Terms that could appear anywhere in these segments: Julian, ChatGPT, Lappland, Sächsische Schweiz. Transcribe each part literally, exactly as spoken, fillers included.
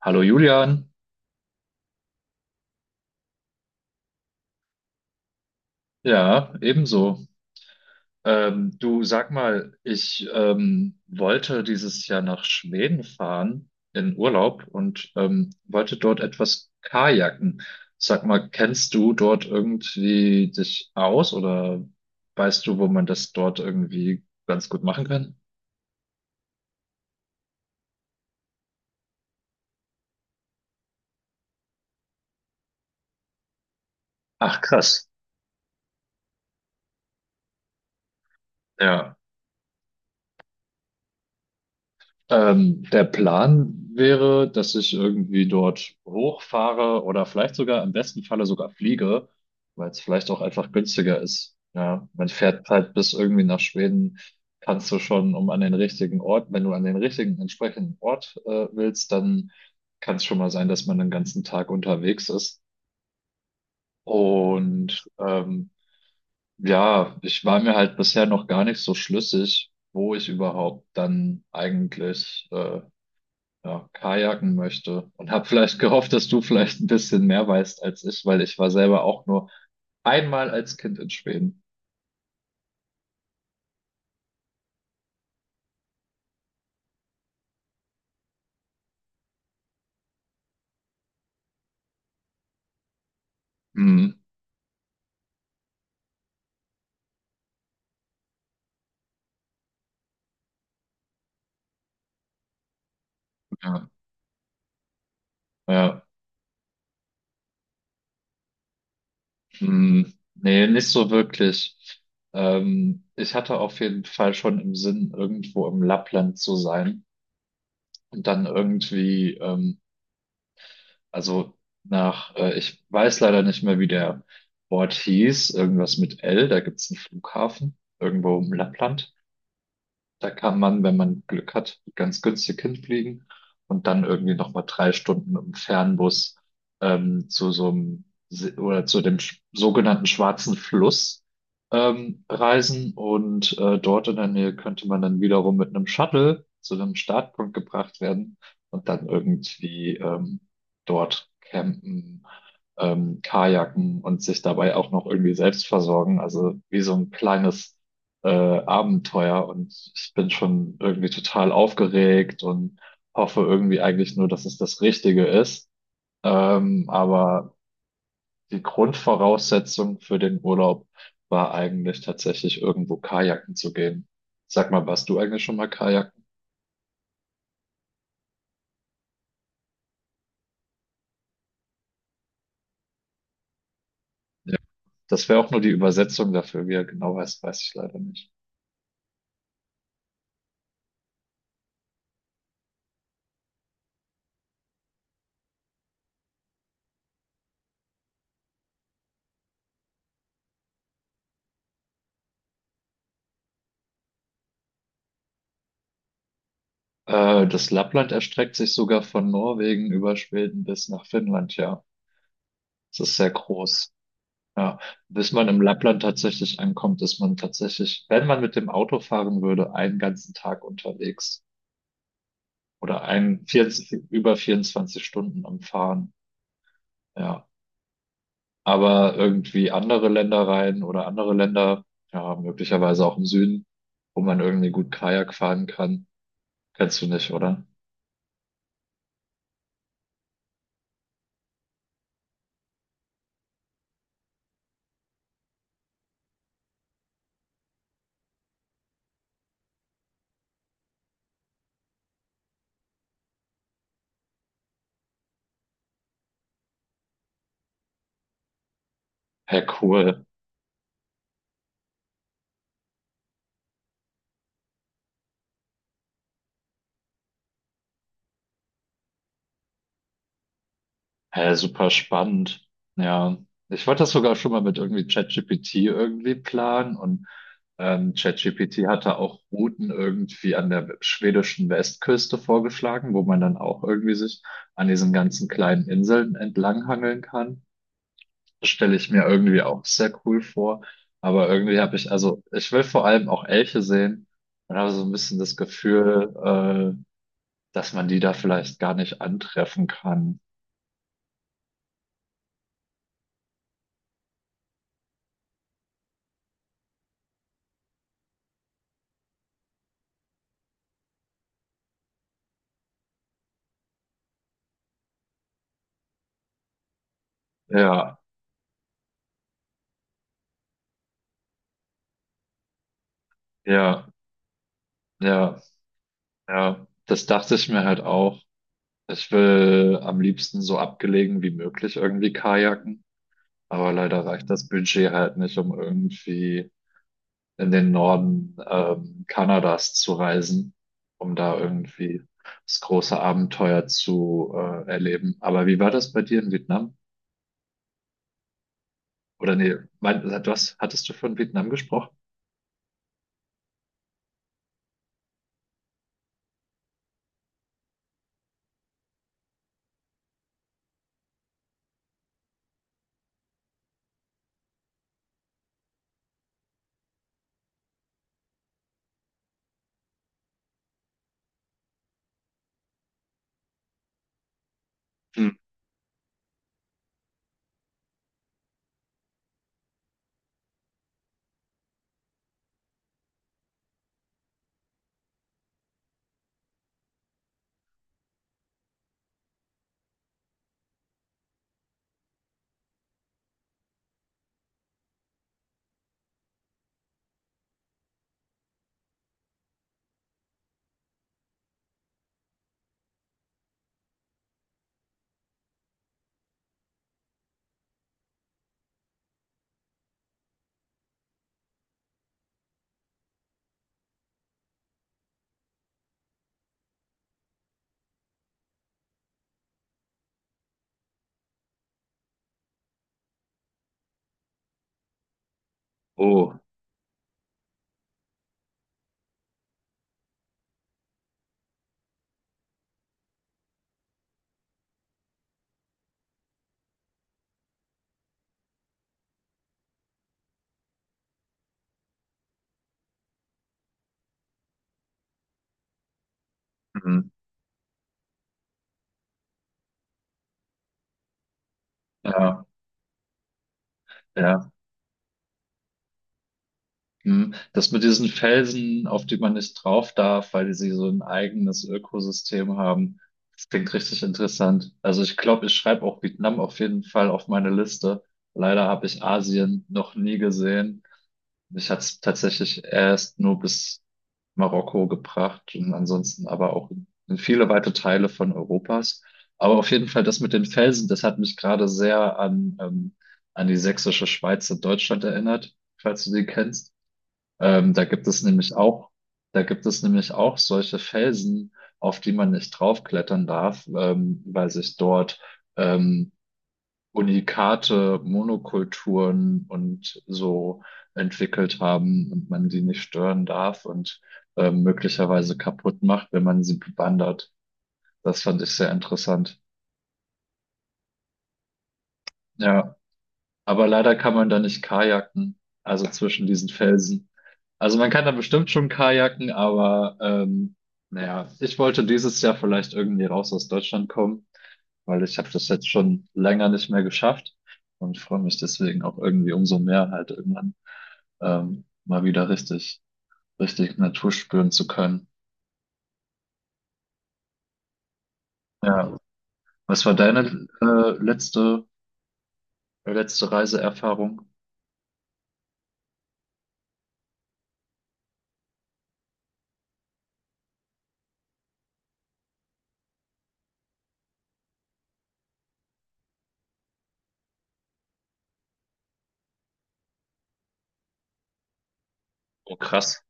Hallo Julian, ja, ebenso. Ähm, du sag mal, ich ähm, wollte dieses Jahr nach Schweden fahren in Urlaub und ähm, wollte dort etwas kajaken. Sag mal, kennst du dort irgendwie dich aus oder weißt du, wo man das dort irgendwie ganz gut machen kann? Ach, krass. Ja. Ähm, der Plan wäre, dass ich irgendwie dort hochfahre oder vielleicht sogar im besten Falle sogar fliege, weil es vielleicht auch einfach günstiger ist. Ja, man fährt halt bis irgendwie nach Schweden, kannst du schon um an den richtigen Ort, wenn du an den richtigen entsprechenden Ort äh, willst, dann kann es schon mal sein, dass man den ganzen Tag unterwegs ist. Und ähm, ja, ich war mir halt bisher noch gar nicht so schlüssig, wo ich überhaupt dann eigentlich äh, ja, kajaken möchte und habe vielleicht gehofft, dass du vielleicht ein bisschen mehr weißt als ich, weil ich war selber auch nur einmal als Kind in Schweden. Hm, ja, ja, hm, nee, nicht so wirklich. Ähm, ich hatte auf jeden Fall schon im Sinn, irgendwo im Lappland zu sein und dann irgendwie, ähm, also nach, äh, ich weiß leider nicht mehr, wie der Ort hieß, irgendwas mit L, da gibt's einen Flughafen irgendwo im Lappland. Da kann man, wenn man Glück hat, ganz günstig hinfliegen und dann irgendwie nochmal drei Stunden im Fernbus ähm, zu so einem Se- oder zu dem sch- sogenannten Schwarzen Fluss ähm, reisen. Und äh, dort in der Nähe könnte man dann wiederum mit einem Shuttle zu einem Startpunkt gebracht werden und dann irgendwie ähm, dort campen, ähm, kajaken und sich dabei auch noch irgendwie selbst versorgen. Also wie so ein kleines äh, Abenteuer, und ich bin schon irgendwie total aufgeregt und hoffe irgendwie eigentlich nur, dass es das Richtige ist. Ähm, aber die Grundvoraussetzung für den Urlaub war eigentlich tatsächlich irgendwo kajaken zu gehen. Sag mal, warst du eigentlich schon mal kajaken? Ja. Das wäre auch nur die Übersetzung dafür. Wie er genau heißt, weiß ich leider nicht. Äh, das Lappland erstreckt sich sogar von Norwegen über Schweden bis nach Finnland, ja. Es ist sehr groß. Ja, bis man im Lappland tatsächlich ankommt, ist man tatsächlich, wenn man mit dem Auto fahren würde, einen ganzen Tag unterwegs oder ein vierundzwanzig, über vierundzwanzig Stunden am Fahren. Ja, aber irgendwie andere Länder rein oder andere Länder, ja, möglicherweise auch im Süden, wo man irgendwie gut Kajak fahren kann, kennst du nicht, oder? Hey, cool. Hä, super spannend. Ja, ich wollte das sogar schon mal mit irgendwie ChatGPT irgendwie planen, und ähm, ChatGPT hatte auch Routen irgendwie an der schwedischen Westküste vorgeschlagen, wo man dann auch irgendwie sich an diesen ganzen kleinen Inseln entlanghangeln kann. Das stelle ich mir irgendwie auch sehr cool vor. Aber irgendwie habe ich, also ich will vor allem auch Elche sehen und habe so ein bisschen das Gefühl, äh, dass man die da vielleicht gar nicht antreffen kann. Ja, ja, ja. Ja, das dachte ich mir halt auch. Ich will am liebsten so abgelegen wie möglich irgendwie kajaken, aber leider reicht das Budget halt nicht, um irgendwie in den Norden ähm, Kanadas zu reisen, um da irgendwie das große Abenteuer zu äh, erleben. Aber wie war das bei dir in Vietnam? Oder nee, mein, du hattest du von Vietnam gesprochen? Hm. Oh, mhm. Ja, ja. Hm, das mit diesen Felsen, auf die man nicht drauf darf, weil die sie so ein eigenes Ökosystem haben, das klingt richtig interessant. Also ich glaube, ich schreibe auch Vietnam auf jeden Fall auf meine Liste. Leider habe ich Asien noch nie gesehen. Mich hat es tatsächlich erst nur bis Marokko gebracht und ansonsten aber auch in viele weite Teile von Europas. Aber auf jeden Fall das mit den Felsen, das hat mich gerade sehr an, ähm, an die Sächsische Schweiz in Deutschland erinnert, falls du die kennst. Ähm, da gibt es nämlich auch, da gibt es nämlich auch solche Felsen, auf die man nicht draufklettern darf, ähm, weil sich dort ähm, Unikate, Monokulturen und so entwickelt haben und man die nicht stören darf und ähm, möglicherweise kaputt macht, wenn man sie bewandert. Das fand ich sehr interessant. Ja, aber leider kann man da nicht kajaken, also zwischen diesen Felsen. Also man kann da bestimmt schon kajaken, aber ähm, naja, ich wollte dieses Jahr vielleicht irgendwie raus aus Deutschland kommen, weil ich habe das jetzt schon länger nicht mehr geschafft und freue mich deswegen auch irgendwie umso mehr halt irgendwann ähm, mal wieder richtig, richtig Natur spüren zu können. Ja, was war deine äh, letzte, letzte Reiseerfahrung? Oh, krass.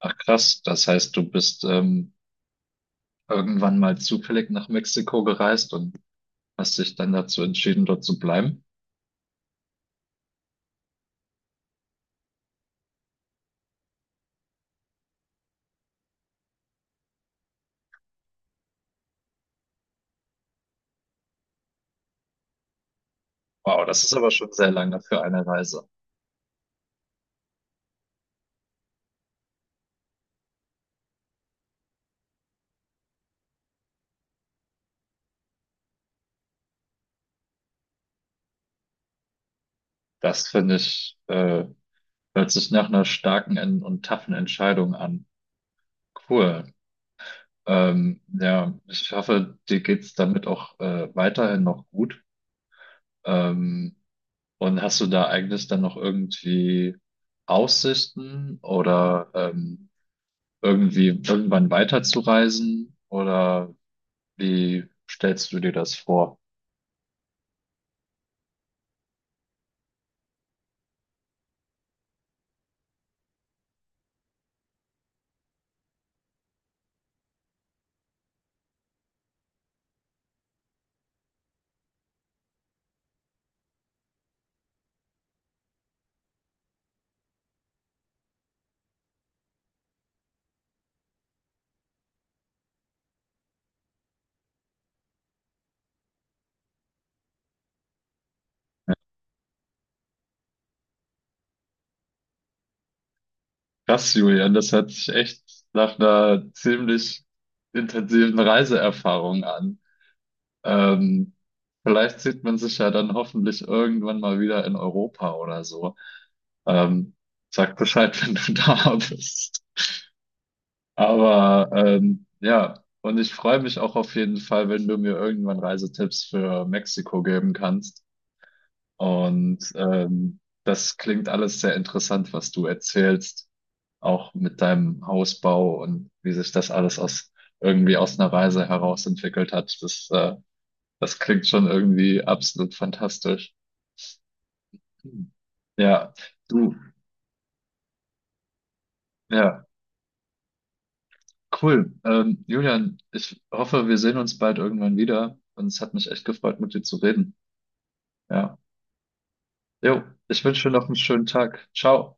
Ach krass, das heißt, du bist ähm, irgendwann mal zufällig nach Mexiko gereist und hast dich dann dazu entschieden, dort zu bleiben? Wow, das ist aber schon sehr lange für eine Reise. Das finde ich, äh, hört sich nach einer starken en- und taffen Entscheidung an. Cool. Ähm, ja, ich hoffe, dir geht's damit auch äh, weiterhin noch gut. Ähm, und hast du da eigentlich dann noch irgendwie Aussichten oder ähm, irgendwie irgendwann weiterzureisen? Oder wie stellst du dir das vor? Krass, Julian, das hört sich echt nach einer ziemlich intensiven Reiseerfahrung an. Ähm, vielleicht sieht man sich ja dann hoffentlich irgendwann mal wieder in Europa oder so. Ähm, sag Bescheid, wenn du da bist. Aber ähm, ja, und ich freue mich auch auf jeden Fall, wenn du mir irgendwann Reisetipps für Mexiko geben kannst. Und ähm, das klingt alles sehr interessant, was du erzählst, auch mit deinem Hausbau und wie sich das alles aus irgendwie aus einer Reise heraus entwickelt hat. Das, äh, das klingt schon irgendwie absolut fantastisch. Hm. Ja, du, ja, cool. Ähm, Julian, ich hoffe, wir sehen uns bald irgendwann wieder. Und es hat mich echt gefreut, mit dir zu reden. Ja. Jo, ich wünsche dir noch einen schönen Tag. Ciao.